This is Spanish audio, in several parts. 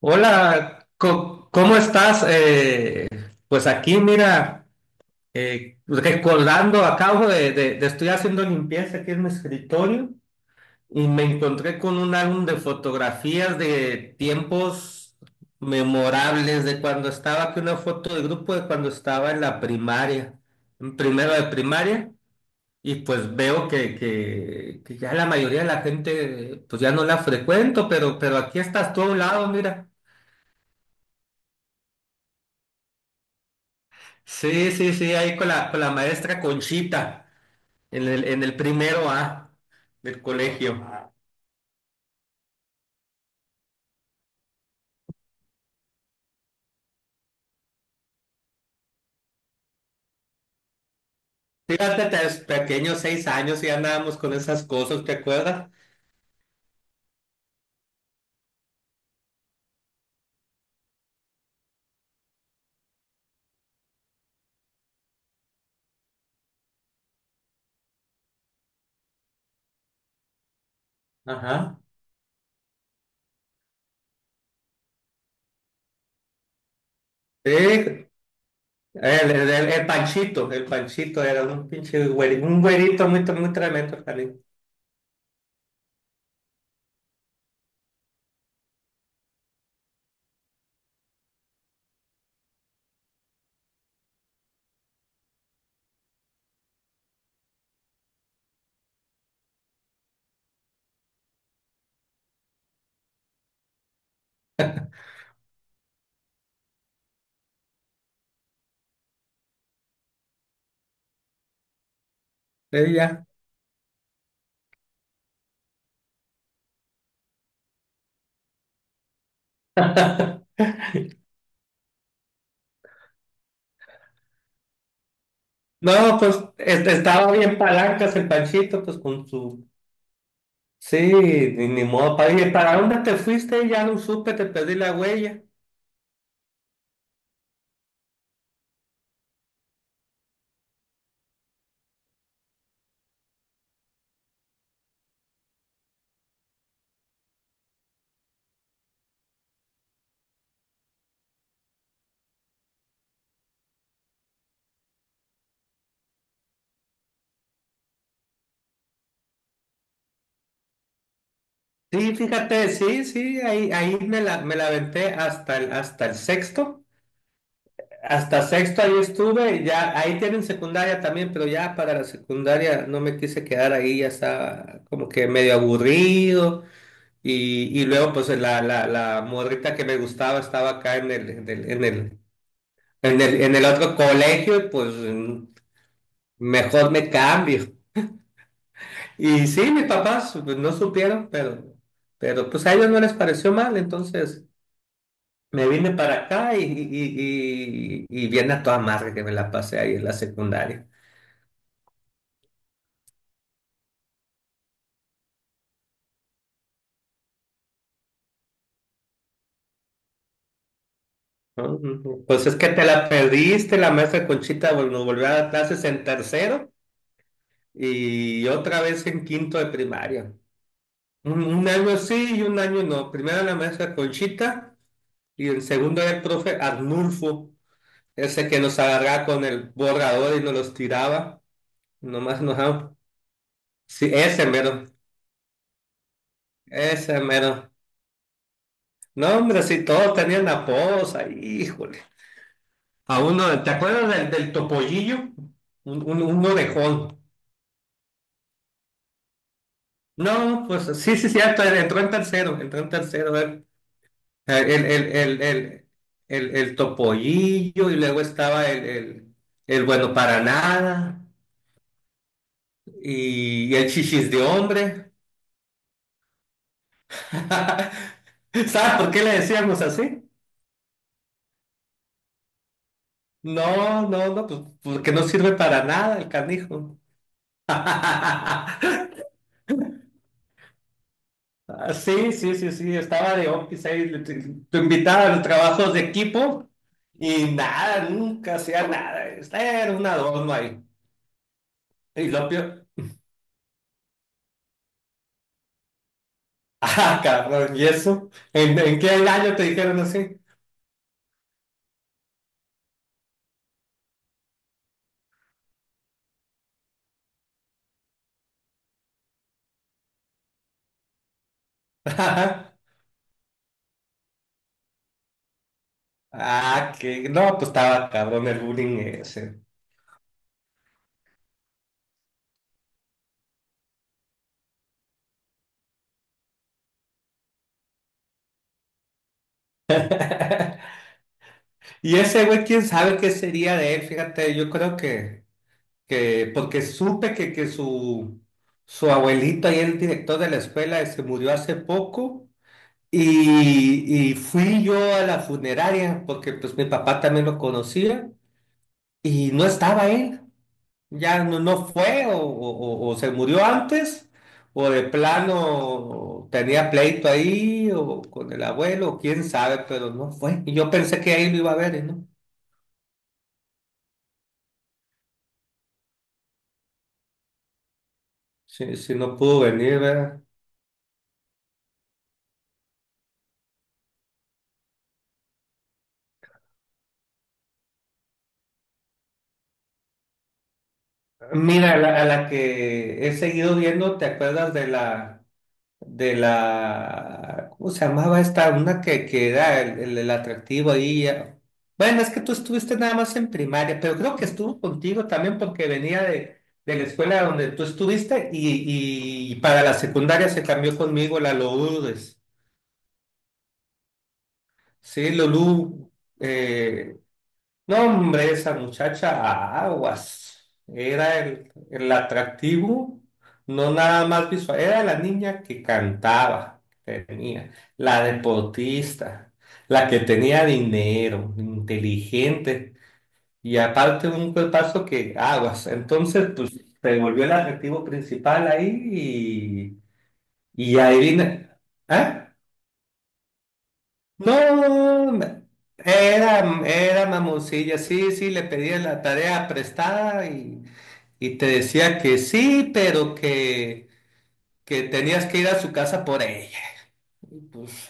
Hola, ¿cómo estás? Pues aquí, mira, recordando, acabo de estoy haciendo limpieza aquí en mi escritorio y me encontré con un álbum de fotografías de tiempos memorables de cuando estaba aquí, una foto de grupo de cuando estaba en la primaria, en primero de primaria, y pues veo que ya la mayoría de la gente, pues ya no la frecuento, pero aquí estás tú a un lado, mira. Sí, sí, sí, ahí con la maestra Conchita, en el primero A del colegio. Fíjate, pequeños 6 años y andábamos con esas cosas, ¿te acuerdas? Ajá. Sí, el Panchito, el Panchito era un pinche güerito, un güerito muy, muy tremendo, el canijo. Sí, ya. No, pues este, estaba bien palancas el Panchito, pues con su... Sí, ni modo, oye, ¿para dónde te fuiste? Ya no supe, te perdí la huella. Sí, fíjate, sí, sí, ahí me la aventé hasta el sexto. Hasta sexto ahí estuve, ya ahí tienen secundaria también, pero ya para la secundaria no me quise quedar ahí, ya estaba como que medio aburrido. Y luego pues la morrita que me gustaba estaba acá en el, en el, en el, en el, en el otro colegio, y pues mejor me cambio. Y sí, mis papás pues, no supieron, pero pues a ellos no les pareció mal, entonces... Me vine para acá y viene a toda madre que me la pasé ahí en la secundaria. ¿No? Pues es que te la perdiste, la maestra Conchita nos volvió a dar clases en tercero y otra vez en quinto de primaria. Un año sí y un año no. Primero la maestra Conchita y el segundo era el profe Arnulfo, ese que nos agarraba con el borrador y nos los tiraba. Nomás nos... Sí, ese mero, ese mero. No, hombre, si todos tenían apodos ahí, híjole. A uno, ¿te acuerdas del topollillo? Un orejón. No, pues sí, sí, cierto, él entró en tercero él. El, el, el, el, el, el topollillo y luego estaba el bueno para nada y el chichis de hombre. ¿Sabes por qué le decíamos así? No, no, no, pues porque no sirve para nada el canijo. Ah, sí, sí, sí, sí, estaba de office ahí, te invitaba a los trabajos de equipo y nada, nunca hacía nada, era un adorno ahí. Y lo peor, ah, cabrón, ¿y eso? ¿En qué año te dijeron así? Ah, que no, pues estaba cabrón el bullying ese. Y ese güey, quién sabe qué sería de él, fíjate, yo creo que porque supe que su abuelito ahí, el director de la escuela, se murió hace poco. Y fui yo a la funeraria porque pues mi papá también lo conocía y no estaba él, ya no, no fue o se murió antes o de plano tenía pleito ahí o con el abuelo, o quién sabe, pero no fue. Y yo pensé que ahí lo iba a ver y no, sí sí no pudo venir, ¿verdad? Mira, a la que he seguido viendo, ¿te acuerdas de la ¿cómo se llamaba esta? Una que era el atractivo ahí. Bueno, es que tú estuviste nada más en primaria, pero creo que estuvo contigo también porque venía de la escuela donde tú estuviste y para la secundaria se cambió conmigo la Lourdes. Sí, Lulú. eh, no, hombre, esa muchacha, aguas. Era el atractivo, no nada más visual, era la niña que cantaba, que tenía, la deportista, la que tenía dinero, inteligente, y aparte un cuerpazo que, aguas. Entonces, pues, se volvió el atractivo principal ahí y adivina, ah no, me- era, era, mamoncilla, sí, sí, le pedía la tarea prestada y te decía que sí, pero que tenías que ir a su casa por ella. Y pues,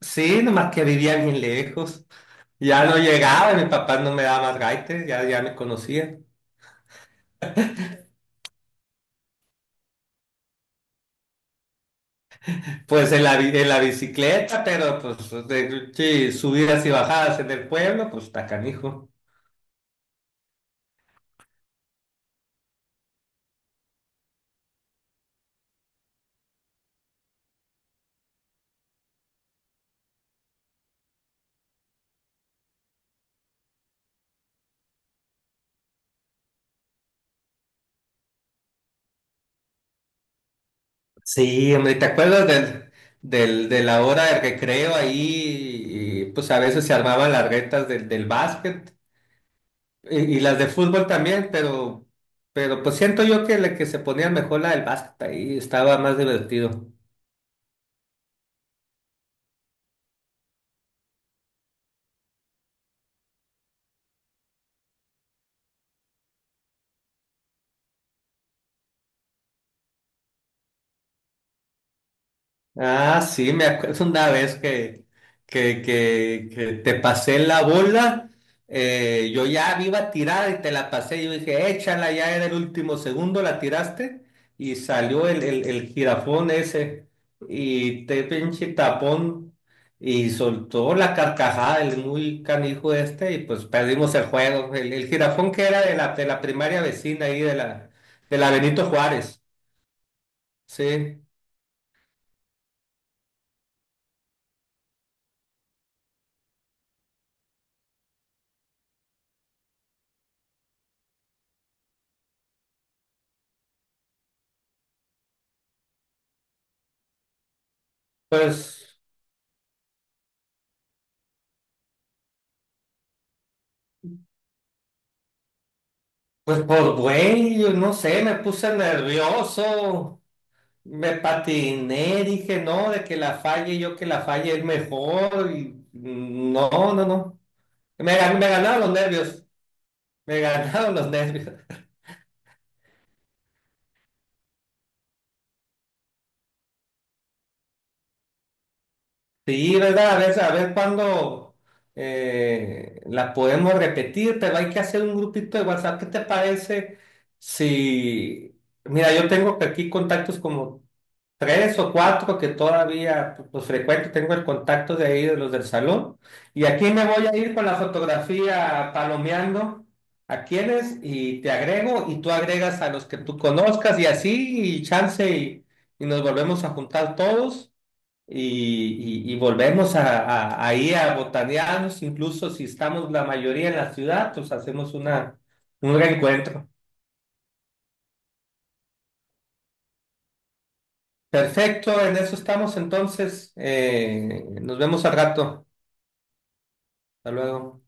sí, nomás que vivía bien lejos. Ya no llegaba, y mi papá no me daba más gaites, ya, ya me conocía. Pues en la bicicleta, pero pues sí, subidas y bajadas en el pueblo, pues está canijo. Sí, hombre, ¿te acuerdas de la hora de recreo ahí? Y, pues a veces se armaban las retas del básquet y las de fútbol también, pero pues siento yo que, la que se ponían mejor la del básquet ahí estaba más divertido. Ah, sí, me acuerdo una vez que te pasé la bola, yo ya me iba a tirar y te la pasé, yo dije, échala, ya era el último segundo, la tiraste y salió el jirafón ese y te pinche tapón y soltó la carcajada el muy canijo este y pues perdimos el juego. El jirafón que era de la primaria vecina ahí de la Benito Juárez, sí, pues... Pues por güey, yo no sé, me puse nervioso, me patiné, dije no, de que la falle yo que la falle es mejor y no, no, no. Me ganaron los nervios, me ganaron los nervios. Sí, ¿verdad? A ver cuándo la podemos repetir, pero hay que hacer un grupito de WhatsApp. ¿Qué te parece si... Mira, yo tengo que aquí contactos como tres o cuatro que todavía pues, frecuento. Tengo el contacto de ahí, de los del salón. Y aquí me voy a ir con la fotografía palomeando a quienes y te agrego y tú agregas a los que tú conozcas y así y chance y nos volvemos a juntar todos y volvemos ahí a botanearnos, incluso si estamos la mayoría en la ciudad, pues hacemos una, un reencuentro. Perfecto, en eso estamos entonces. Nos vemos al rato. Hasta luego.